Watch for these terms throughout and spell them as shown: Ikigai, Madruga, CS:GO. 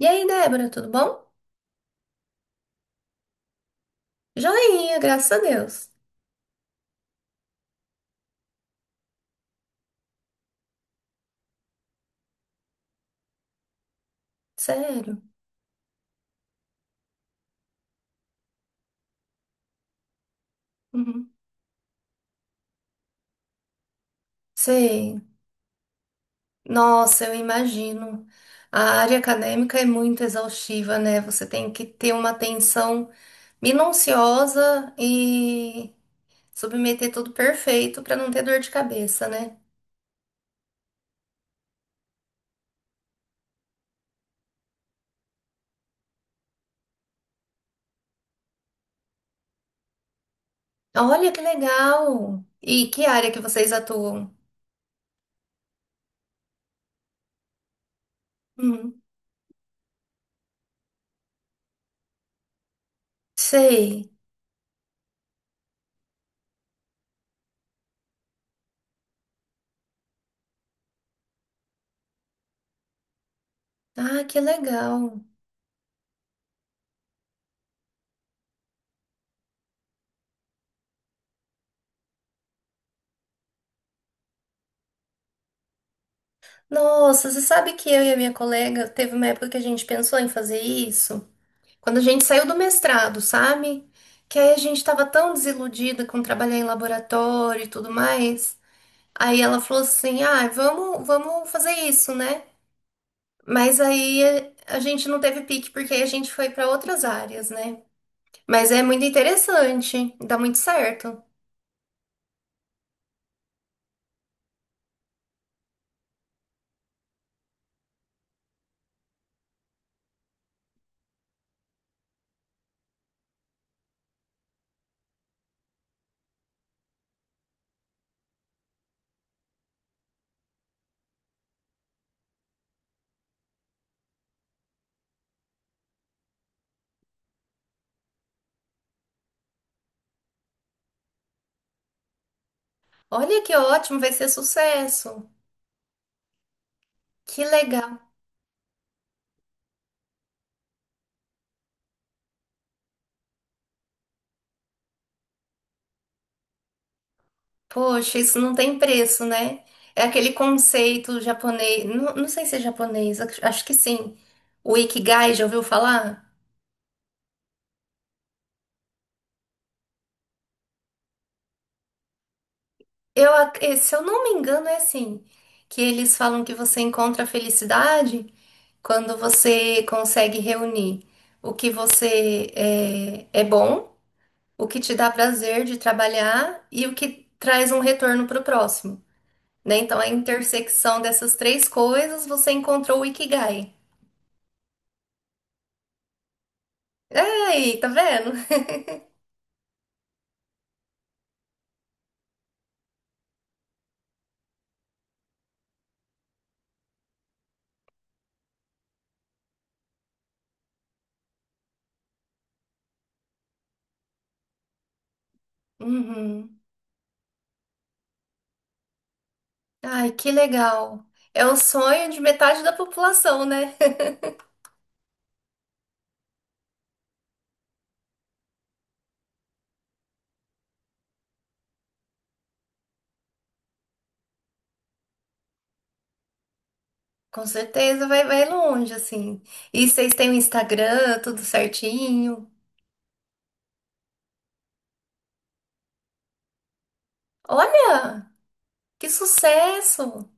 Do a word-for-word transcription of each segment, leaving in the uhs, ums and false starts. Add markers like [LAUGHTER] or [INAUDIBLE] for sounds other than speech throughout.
E aí, Débora, tudo bom? Joinha, graças a Deus. Sério. Uhum. Sei. Nossa, eu imagino. A área acadêmica é muito exaustiva, né? Você tem que ter uma atenção minuciosa e submeter tudo perfeito para não ter dor de cabeça, né? Olha que legal! E que área que vocês atuam? Uhum. Sei. Ah, que legal. Nossa, você sabe que eu e a minha colega teve uma época que a gente pensou em fazer isso? Quando a gente saiu do mestrado, sabe? Que aí a gente tava tão desiludida com trabalhar em laboratório e tudo mais. Aí ela falou assim: ah, vamos, vamos fazer isso, né? Mas aí a gente não teve pique, porque aí a gente foi para outras áreas, né? Mas é muito interessante, dá muito certo. Olha que ótimo, vai ser sucesso. Que legal. Poxa, isso não tem preço, né? É aquele conceito japonês. Não, não sei se é japonês, ac- acho que sim. O Ikigai, já ouviu falar? Eu, ac- eh, se eu não me engano, é assim: que eles falam que você encontra a felicidade quando você consegue reunir o que você é, é bom, o que te dá prazer de trabalhar e o que traz um retorno para o próximo. Né? Então, a intersecção dessas três coisas, você encontrou o Ikigai. Ei, tá vendo? [LAUGHS] Uhum. Ai, que legal. É o sonho de metade da população, né? [LAUGHS] Com certeza vai, vai longe, assim. E vocês têm o Instagram, tudo certinho. Olha, que sucesso!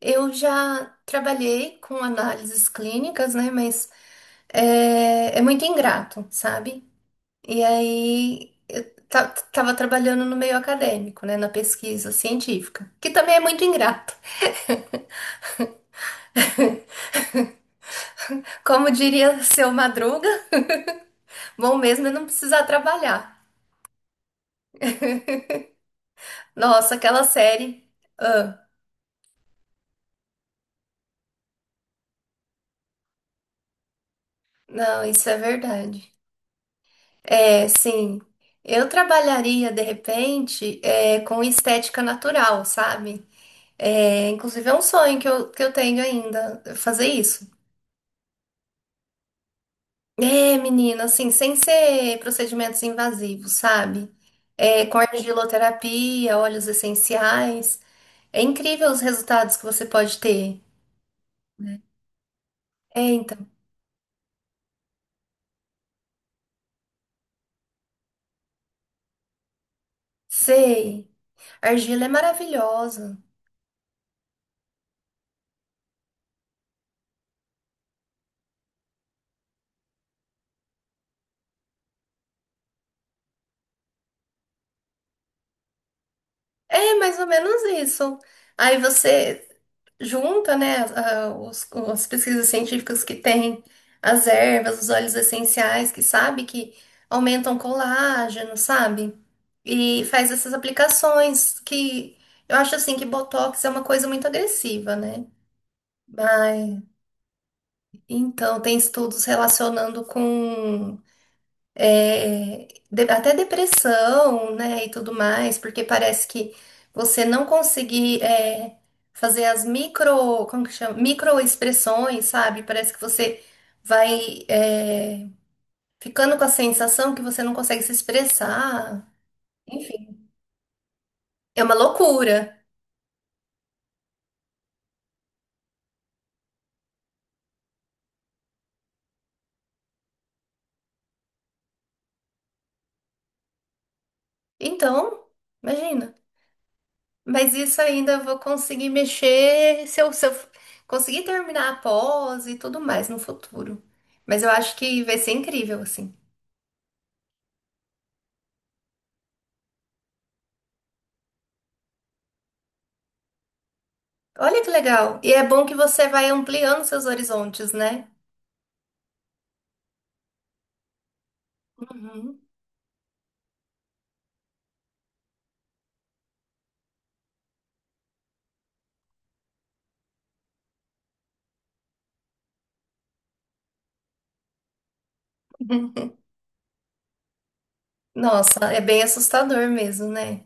Eu já trabalhei com análises clínicas, né? Mas é, é muito ingrato, sabe? E aí eu ta- tava trabalhando no meio acadêmico, né? Na pesquisa científica, que também é muito ingrato. Como diria seu Madruga, bom mesmo é não precisar trabalhar. Nossa, aquela série. Ah, não, isso é verdade. É, sim. Eu trabalharia, de repente, é, com estética natural, sabe? É, inclusive, é um sonho que eu, que eu tenho ainda, fazer isso. É, menina, assim, sem ser procedimentos invasivos, sabe? É, com argiloterapia, óleos essenciais. É incrível os resultados que você pode ter. É, então. Sei. A argila é maravilhosa. É mais ou menos isso. Aí você junta, né, a- os- as pesquisas científicas que tem, as ervas, os óleos essenciais, que sabe que aumentam colágeno, sabe? E faz essas aplicações que eu acho assim que Botox é uma coisa muito agressiva, né? Mas então tem estudos relacionando com é, é, de- até depressão, né, e tudo mais, porque parece que você não conseguir é, fazer as micro, como que chama? Microexpressões, sabe? Parece que você vai é, ficando com a sensação que você não consegue se expressar. Enfim, é uma loucura. Então, imagina. Mas isso ainda eu vou conseguir mexer se eu, se eu conseguir terminar a pós e tudo mais no futuro. Mas eu acho que vai ser incrível, assim. Olha que legal. E é bom que você vai ampliando seus horizontes, né? Uhum. [LAUGHS] Nossa, é bem assustador mesmo, né?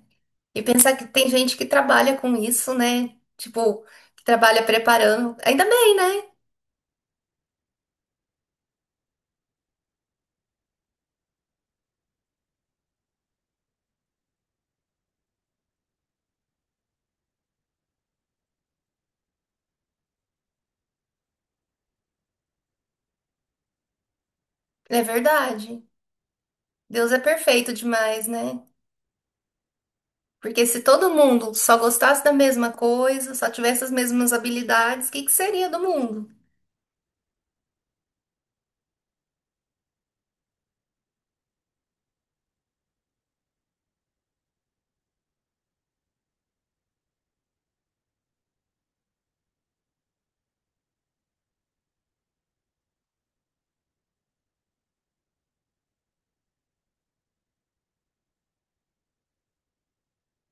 E pensar que tem gente que trabalha com isso, né? Tipo, que trabalha preparando. Ainda bem, né? É verdade. Deus é perfeito demais, né? Porque se todo mundo só gostasse da mesma coisa, só tivesse as mesmas habilidades, o que que seria do mundo?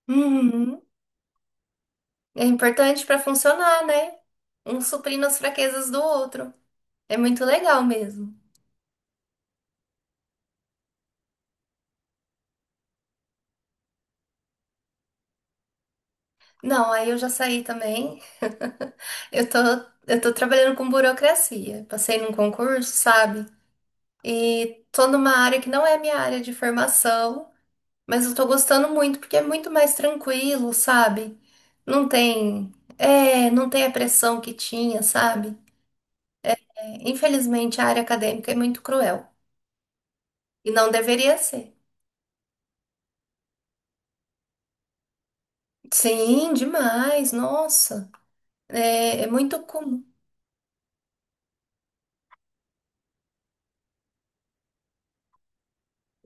Uhum. É importante para funcionar, né? Um suprindo as fraquezas do outro. É muito legal mesmo. Não, aí eu já saí também. Eu tô, eu tô trabalhando com burocracia. Passei num concurso, sabe? E tô numa área que não é minha área de formação, mas eu tô gostando muito porque é muito mais tranquilo, sabe? Não tem, é, não tem a pressão que tinha, sabe? É, infelizmente, a área acadêmica é muito cruel e não deveria ser. Sim, demais, nossa. É, é muito comum.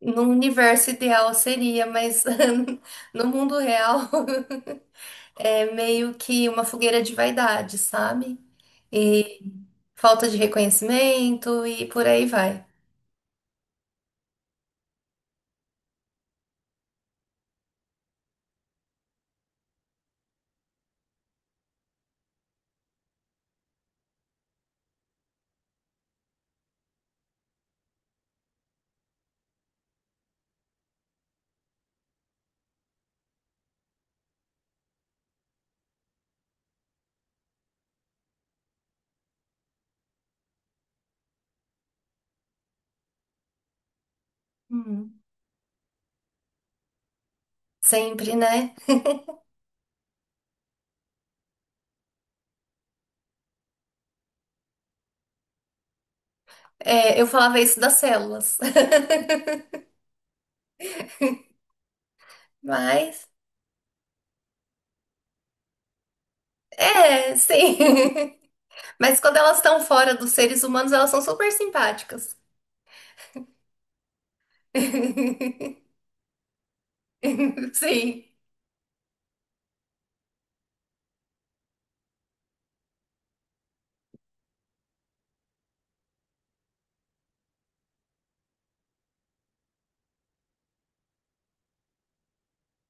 No universo ideal seria, mas [LAUGHS] no mundo real [LAUGHS] é meio que uma fogueira de vaidade, sabe? E falta de reconhecimento e por aí vai. Uhum. Sempre, né? [LAUGHS] É, eu falava isso das células. [LAUGHS] Mas, é, sim. [LAUGHS] Mas quando elas estão fora dos seres humanos, elas são super simpáticas. [LAUGHS] Sim.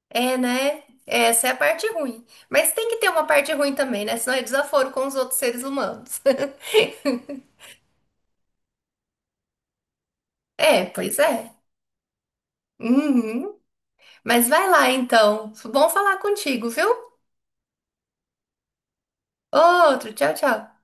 É, né? Essa é a parte ruim. Mas tem que ter uma parte ruim também, né? Senão é desaforo com os outros seres humanos. [LAUGHS] É, pois é. Uhum. Mas vai lá então. Bom falar contigo, viu? Outro, tchau, tchau.